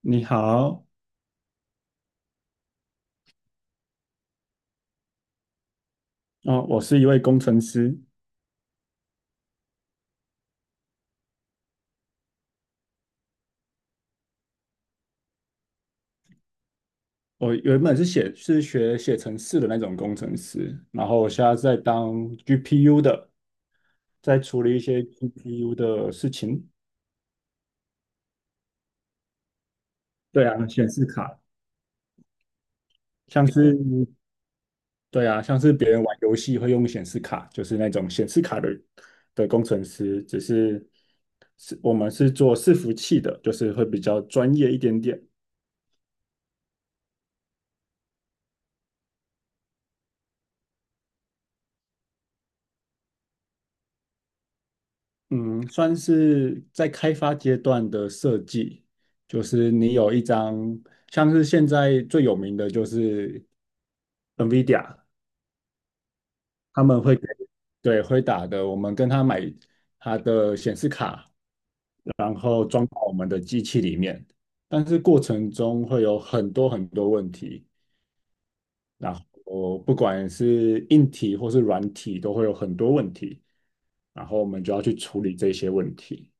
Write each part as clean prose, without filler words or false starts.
你好，哦，我是一位工程师，我原本是学写程式的那种工程师。然后我现在在当 GPU 的，在处理一些 GPU 的事情。对啊，显示卡。像是对啊，像是别人玩游戏会用显示卡，就是那种显示卡的工程师。只是我们是做伺服器的，就是会比较专业一点点。嗯，算是在开发阶段的设计，就是你有一张，像是现在最有名的就是 NVIDIA。他们会给，对，会打的，我们跟他买他的显示卡，然后装到我们的机器里面，但是过程中会有很多很多问题。然后不管是硬体或是软体，都会有很多问题，然后我们就要去处理这些问题。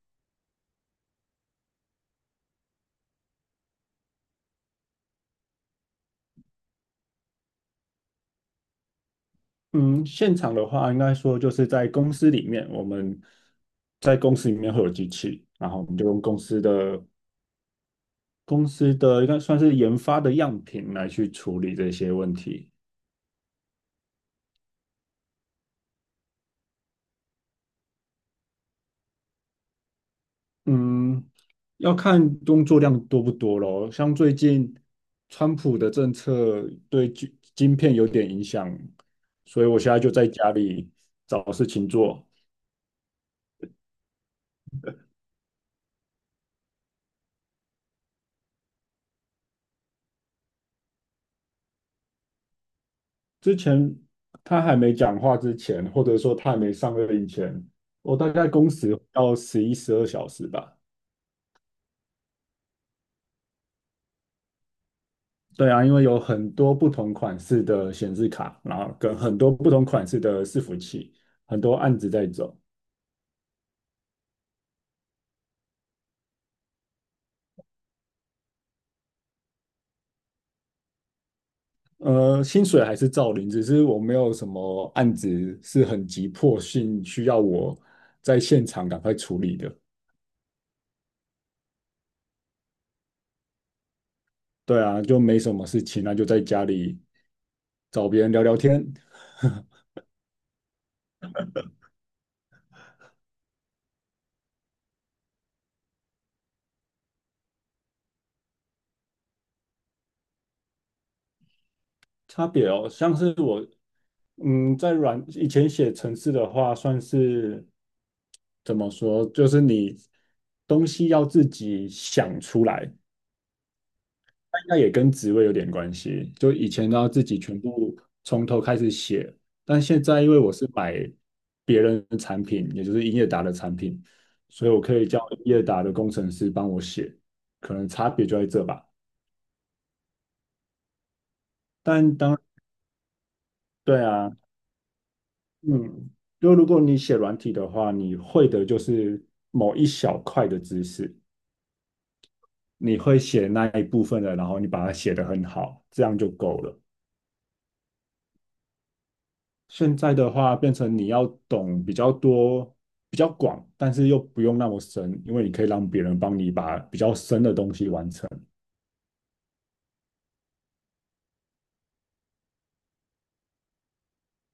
嗯，现场的话，应该说就是在公司里面，我们在公司里面会有机器，然后我们就用公司的应该算是研发的样品来去处理这些问题。嗯，要看工作量多不多咯。像最近川普的政策对晶片有点影响，所以我现在就在家里找事情做。之前他还没讲话之前，或者说他还没上任前，我大概工时要11、12小时吧。对啊，因为有很多不同款式的显示卡，然后跟很多不同款式的伺服器，很多案子在走。薪水还是照领，只是我没有什么案子是很急迫性需要我在现场赶快处理的。对啊，就没什么事情，那就在家里找别人聊聊天。差别哦，像是我，嗯，以前写程式的话，算是怎么说，就是你东西要自己想出来，那应该也跟职位有点关系。就以前都要自己全部从头开始写，但现在因为我是买别人的产品，也就是英业达的产品，所以我可以叫英业达的工程师帮我写，可能差别就在这吧。但当对啊。嗯，就如果你写软体的话，你会的就是某一小块的知识，你会写那一部分的，然后你把它写得很好，这样就够了。现在的话，变成你要懂比较多、比较广，但是又不用那么深，因为你可以让别人帮你把比较深的东西完成。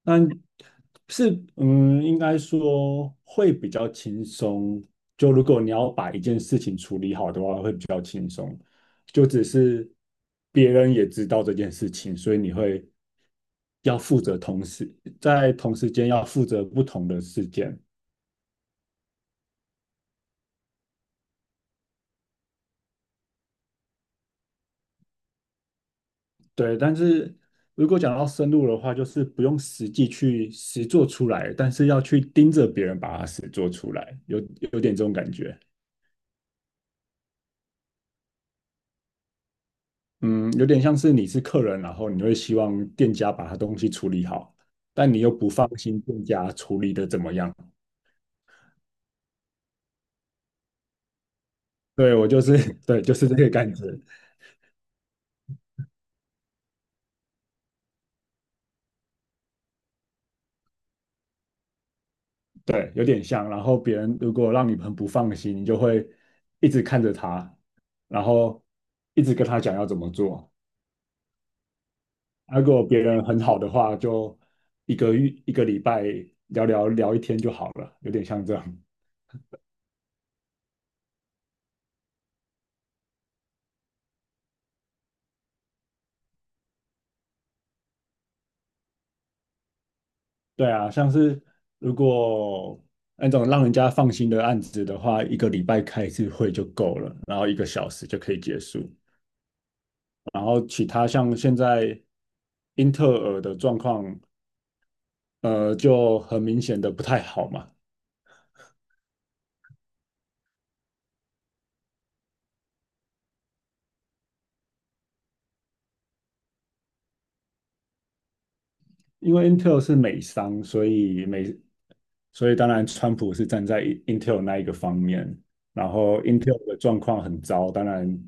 但是，嗯，应该说会比较轻松。就如果你要把一件事情处理好的话，会比较轻松。就只是别人也知道这件事情，所以你会要负责同时在同时间要负责不同的事件。对，但是如果讲到深入的话，就是不用实际去实做出来，但是要去盯着别人把它实做出来，有点这种感觉。嗯，有点像是你是客人，然后你会希望店家把他东西处理好，但你又不放心店家处理的怎么样。对，我就是，对，就是这个感觉。对，有点像。然后别人如果让你很不放心，你就会一直看着他，然后一直跟他讲要怎么做。啊如果别人很好的话，就一个月、一个礼拜聊聊一天就好了，有点像这样。对啊，像是如果那种让人家放心的案子的话，一个礼拜开一次会就够了，然后一个小时就可以结束。然后其他像现在英特尔的状况，就很明显的不太好嘛。因为 Intel 是美商，所以美，所以当然川普是站在 Intel 那一个方面，然后 Intel 的状况很糟，当然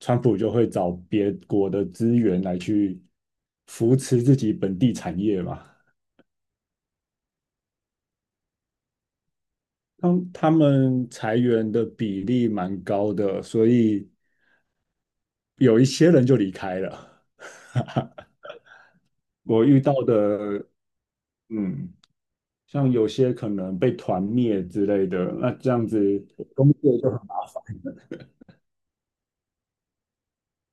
川普就会找别国的资源来去扶持自己本地产业嘛。他们裁员的比例蛮高的，所以有一些人就离开了。我遇到的，嗯，像有些可能被团灭之类的，那这样子工作就很，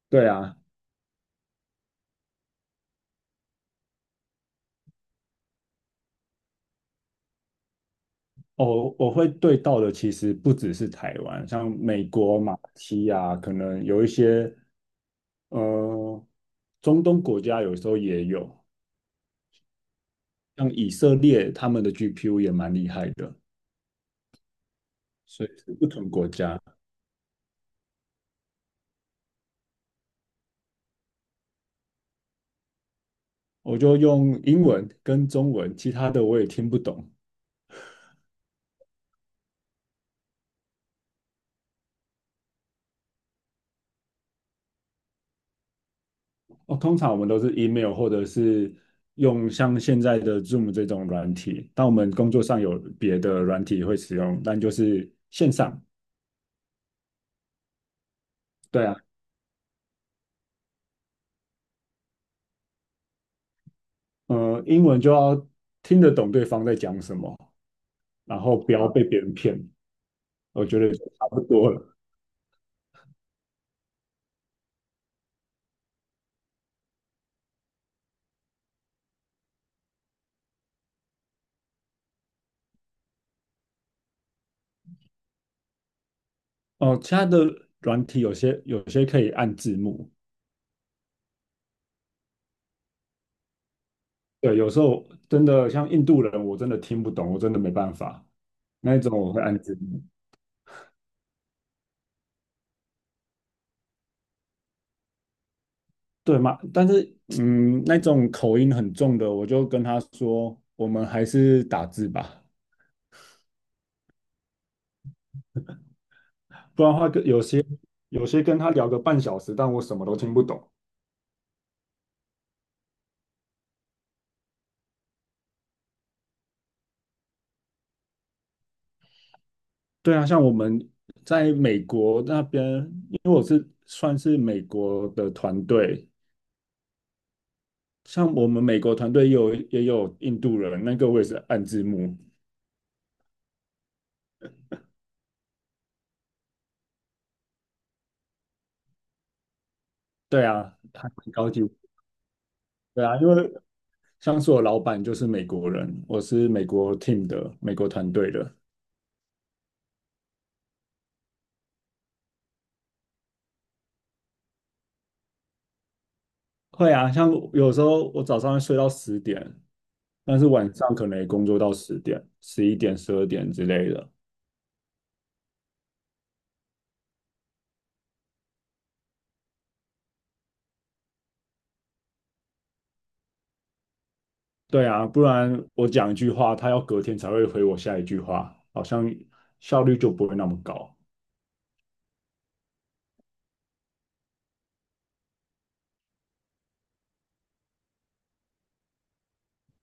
对啊。哦，我会对到的其实不只是台湾，像美国、马来西亚，可能有一些呃中东国家有时候也有，像以色列他们的 GPU 也蛮厉害的，所以是不同国家。我就用英文跟中文，其他的我也听不懂。哦，通常我们都是 email 或者是用像现在的 Zoom 这种软体，但我们工作上有别的软体会使用，但就是线上。对啊。英文就要听得懂对方在讲什么，然后不要被别人骗，我觉得就差不多了。哦，其他的软体有些可以按字幕。对，有时候真的像印度人，我真的听不懂，我真的没办法，那一种我会按字幕。对嘛？但是嗯，那种口音很重的，我就跟他说，我们还是打字吧。不然的话，跟有些跟他聊个半小时，但我什么都听不懂。对啊，像我们在美国那边，因为我是算是美国的团队，像我们美国团队也有印度人，那个我也是按字幕。对啊，他蛮高级。对啊，因为像是我老板就是美国人，我是美国 team 的美国团队的。会啊，像有时候我早上会睡到十点。但是晚上可能也工作到10点、11点、12点之类的。对啊，不然我讲一句话，他要隔天才会回我下一句话，好像效率就不会那么高。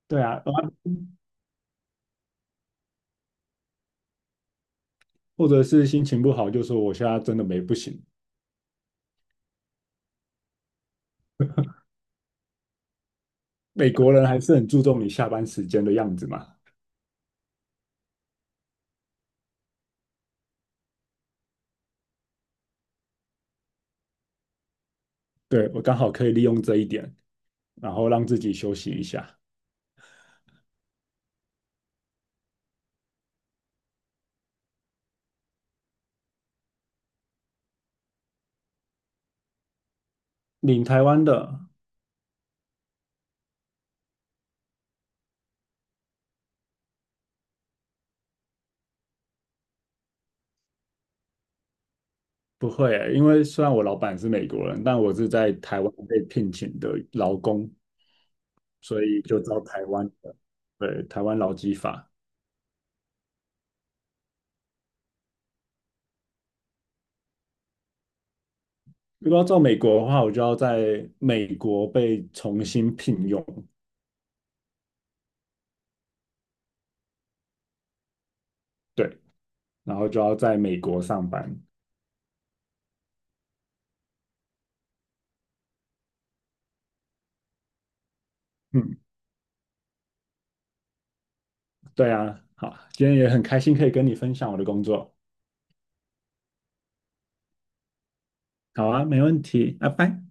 对啊，啊或者是心情不好，就说我现在真的没不行。美国人还是很注重你下班时间的样子嘛。对，我刚好可以利用这一点，然后让自己休息一下。领台湾的。不会欸因为虽然我老板是美国人，但我是在台湾被聘请的劳工，所以就招台湾的，对，台湾劳基法。如果要到美国的话，我就要在美国被重新聘用，对，然后就要在美国上班。嗯，对啊，好，今天也很开心可以跟你分享我的工作。好啊，没问题，拜拜。